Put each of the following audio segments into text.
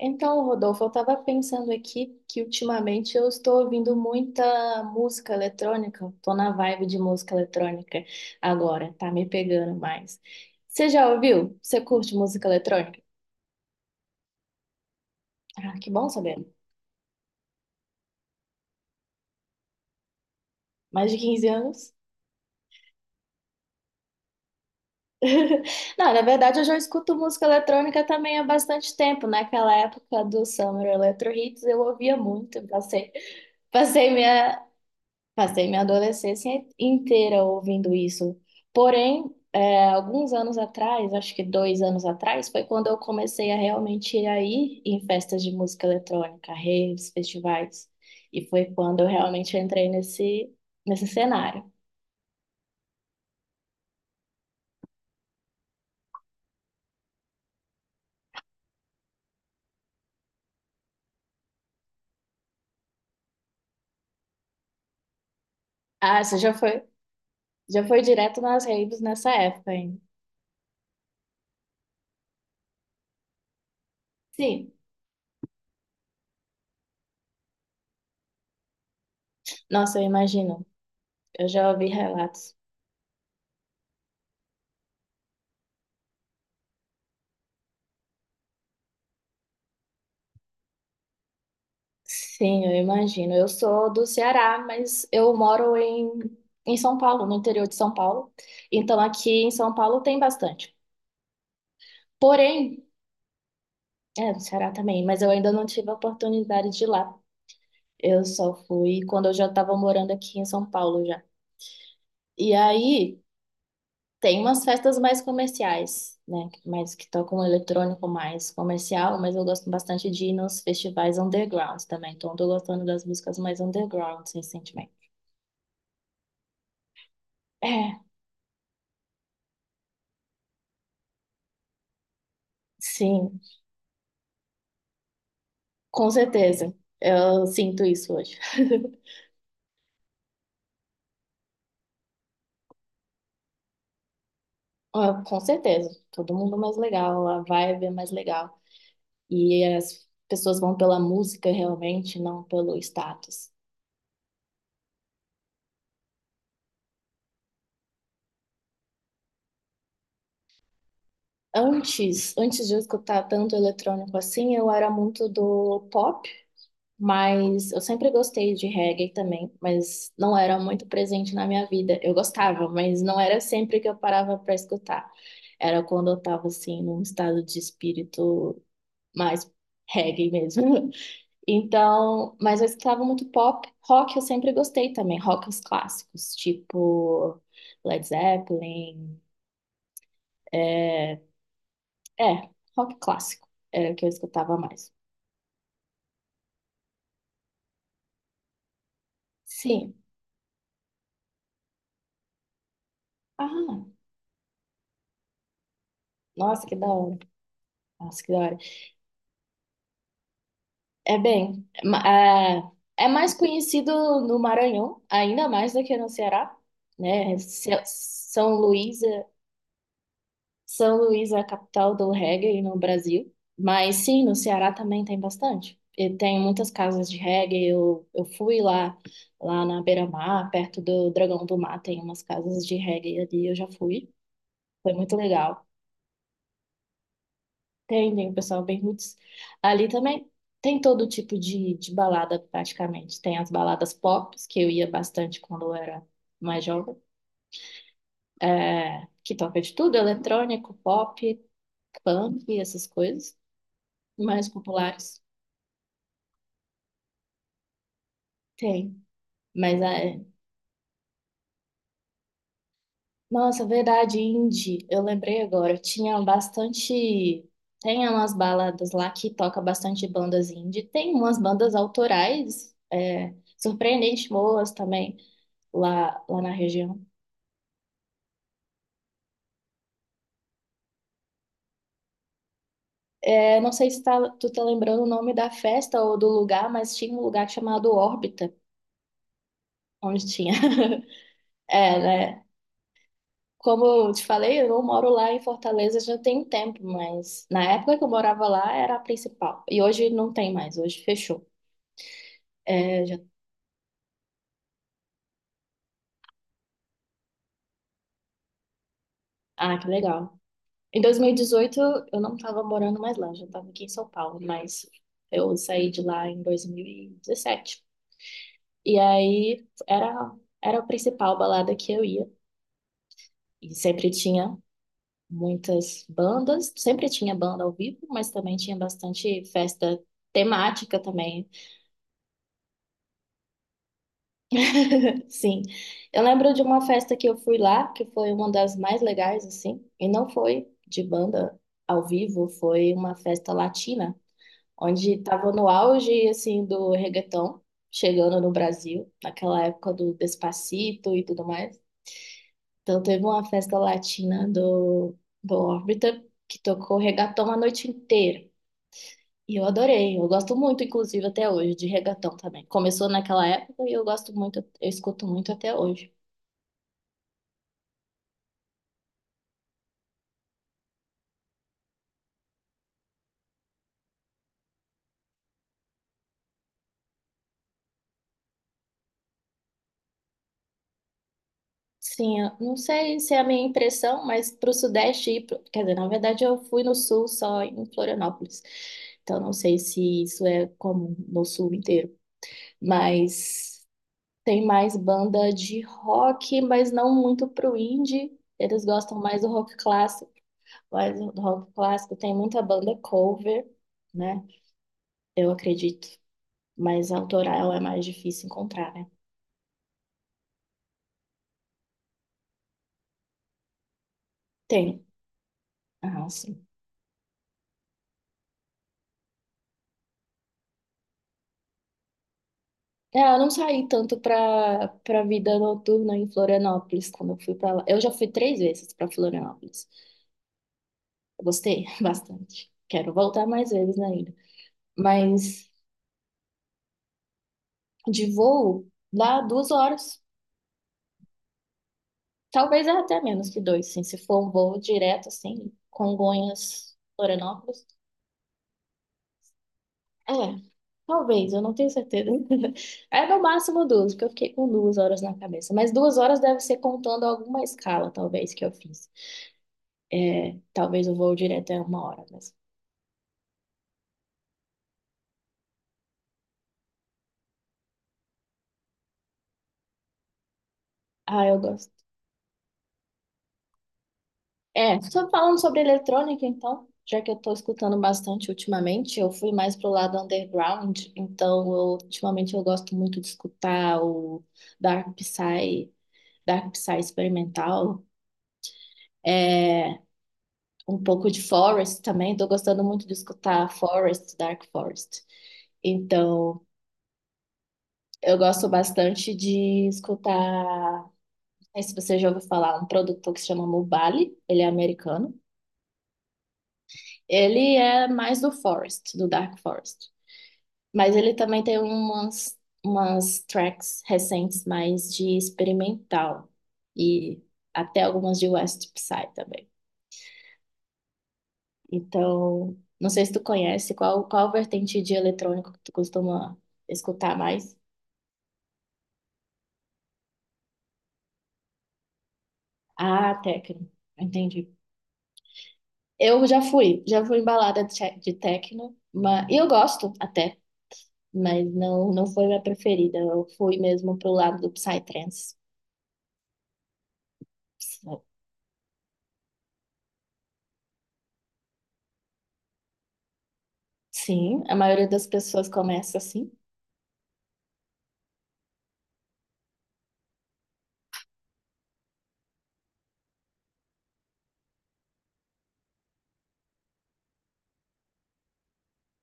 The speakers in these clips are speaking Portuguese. Então, Rodolfo, eu estava pensando aqui que ultimamente eu estou ouvindo muita música eletrônica, estou na vibe de música eletrônica agora, tá me pegando mais. Você já ouviu? Você curte música eletrônica? Ah, que bom saber. Mais de 15 anos? Não, na verdade eu já escuto música eletrônica também há bastante tempo. Naquela época do Summer Electro Hits eu ouvia muito, passei minha Passei minha adolescência inteira ouvindo isso. Porém, alguns anos atrás, acho que dois anos atrás, foi quando eu comecei a realmente ir aí em festas de música eletrônica, raves, festivais. E foi quando eu realmente entrei nesse cenário. Ah, você já foi direto nas raves nessa época, hein? Sim. Nossa, eu imagino. Eu já ouvi relatos. Sim, eu imagino. Eu sou do Ceará, mas em São Paulo, no interior de São Paulo. Então aqui em São Paulo tem bastante. Porém, no Ceará também, mas eu ainda não tive a oportunidade de ir lá. Eu só fui quando eu já estava morando aqui em São Paulo já. E aí tem umas festas mais comerciais, né? Mais que tocam eletrônico, mais comercial, mas eu gosto bastante de ir nos festivais underground também. Então eu tô gostando das músicas mais underground recentemente. É, sim. Com certeza. Eu sinto isso hoje. Ah, com certeza. Todo mundo mais legal, a vibe é mais legal. E as pessoas vão pela música realmente, não pelo status. Antes de eu escutar tanto eletrônico assim, eu era muito do pop, mas eu sempre gostei de reggae também, mas não era muito presente na minha vida. Eu gostava, mas não era sempre que eu parava para escutar. Era quando eu tava assim num estado de espírito mais reggae mesmo. Então, mas eu escutava muito pop, rock eu sempre gostei também, rock os clássicos, tipo Led Zeppelin, é, é, rock clássico era o que eu escutava mais. Sim. Ah, nossa, que da hora. Nossa, que da hora. É bem, ma- é, é mais conhecido no Maranhão, ainda mais do que no Ceará, né? São Luís é a capital do reggae no Brasil, mas sim, no Ceará também tem bastante. E tem muitas casas de reggae. Eu fui lá na Beira-Mar, perto do Dragão do Mar, tem umas casas de reggae ali, eu já fui. Foi muito legal. Tem o pessoal bem roots. Ali também tem todo tipo de balada, praticamente. Tem as baladas pop, que eu ia bastante quando eu era mais jovem, que toca de tudo, eletrônico, pop, punk, essas coisas mais populares. Tem. Mas é. Nossa, verdade, indie. Eu lembrei agora. Tinha bastante. Tem umas baladas lá que toca bastante bandas indie. Tem umas bandas autorais, surpreendente boas também, lá na região. É, não sei se tu tá lembrando o nome da festa ou do lugar, mas tinha um lugar chamado Órbita, onde tinha. É, né? Como eu te falei, eu não moro lá em Fortaleza já tem tempo, mas na época que eu morava lá era a principal. E hoje não tem mais, hoje fechou. É, já... Ah, que legal. Em 2018 eu não estava morando mais lá, eu já estava aqui em São Paulo, mas eu saí de lá em 2017. E dezessete. E aí era a principal balada que eu ia. E sempre tinha muitas bandas, sempre tinha banda ao vivo, mas também tinha bastante festa temática também. Sim. Eu lembro de uma festa que eu fui lá, que foi uma das mais legais, assim, e não foi de banda ao vivo, foi uma festa latina, onde estava no auge, assim, do reggaeton, chegando no Brasil, naquela época do Despacito e tudo mais. Então teve uma festa latina do Orbiter, que tocou reggaeton a noite inteira. E eu adorei, eu gosto muito, inclusive, até hoje, de reggaeton também. Começou naquela época e eu gosto muito, eu escuto muito até hoje. Sim, eu não sei se é a minha impressão, mas para o Sudeste, quer dizer, na verdade eu fui no Sul só em Florianópolis, então não sei se isso é comum no Sul inteiro, mas tem mais banda de rock, mas não muito pro indie, eles gostam mais do rock clássico, mas o rock clássico tem muita banda cover, né? Eu acredito, mas autoral é mais difícil encontrar, né? Tem, ah, sim. É, eu não saí tanto para vida noturna em Florianópolis quando eu fui para lá. Eu já fui três vezes para Florianópolis. Eu gostei bastante. Quero voltar mais vezes ainda. Mas de voo, lá duas horas. Talvez é até menos que dois, sim. Se for um voo direto, assim, Congonhas, Florianópolis. É, talvez, eu não tenho certeza. É no máximo duas, porque eu fiquei com duas horas na cabeça. Mas duas horas deve ser contando alguma escala, talvez, que eu fiz. É, talvez o voo direto é uma hora, mas. Ah, eu gosto. É, só falando sobre eletrônica, então, já que eu tô escutando bastante ultimamente, eu fui mais pro lado underground, então eu, ultimamente eu gosto muito de escutar o Dark Psy, Dark Psy experimental, é, um pouco de Forest também, tô gostando muito de escutar Forest, Dark Forest. Então, eu gosto bastante de escutar sei se você já ouviu falar, um produtor que se chama Mubali, ele é americano. Ele é mais do Forest, do Dark Forest. Mas ele também tem umas tracks recentes mais de experimental. E até algumas de West Psy também. Então, não sei se tu conhece, qual vertente de eletrônico que tu costuma escutar mais? Ah, techno. Entendi. Eu já fui embalada de techno, mas e eu gosto até, mas não foi minha preferida. Eu fui mesmo pro lado do Psytrance. Sim, a maioria das pessoas começa assim.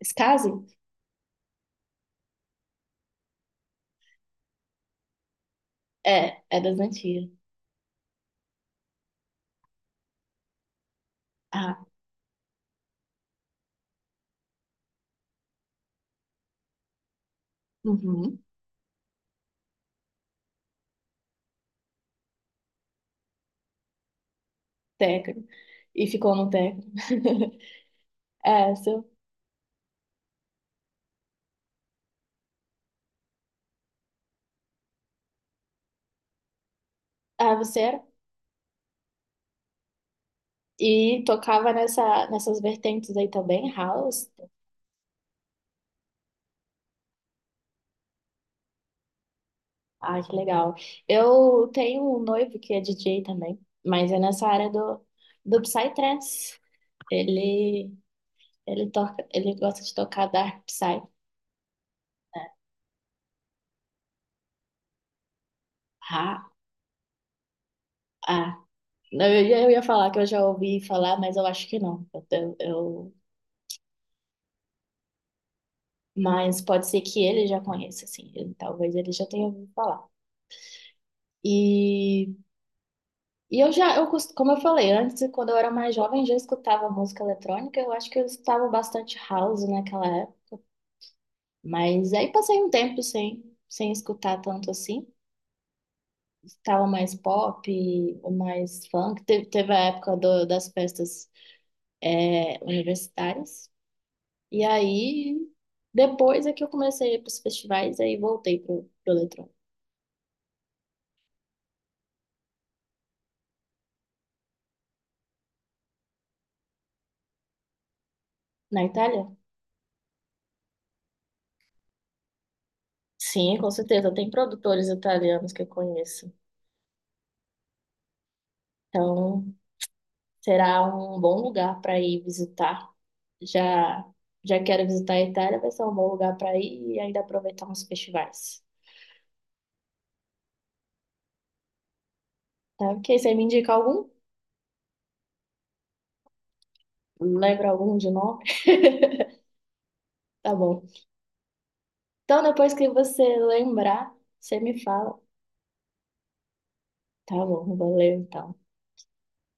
Esse caso é, é das antigas. Ah, uhum, técnico. E ficou no técnico. Essa. Ah, você era? E tocava nessa, nessas vertentes aí também, house. Ah, que legal. Eu tenho um noivo que é DJ também, mas é nessa área do Psytrance. Ele Ele toca, ele gosta de tocar Dark Side, né? Ha, ah. Não, eu ia, eu ia falar que eu já ouvi falar, mas eu acho que não. Mas pode ser que ele já conheça, assim. Talvez ele já tenha ouvido falar. E, e eu já, eu, como eu falei, antes, quando eu era mais jovem, já escutava música eletrônica. Eu acho que eu escutava bastante house naquela época. Mas aí passei um tempo sem escutar tanto assim. Estava mais pop, mais funk. Teve a época das festas universitárias. E aí, depois é que eu comecei a ir para os festivais, aí voltei para o eletrônico. Na Itália? Sim, com certeza. Tem produtores italianos que eu conheço. Então, será um bom lugar para ir visitar. Já, já quero visitar a Itália, vai ser um bom lugar para ir e ainda aproveitar uns festivais. Tá? Ok, você me indica algum? Lembra algum de nome? Tá bom. Então, depois que você lembrar, você me fala. Tá bom, valeu então.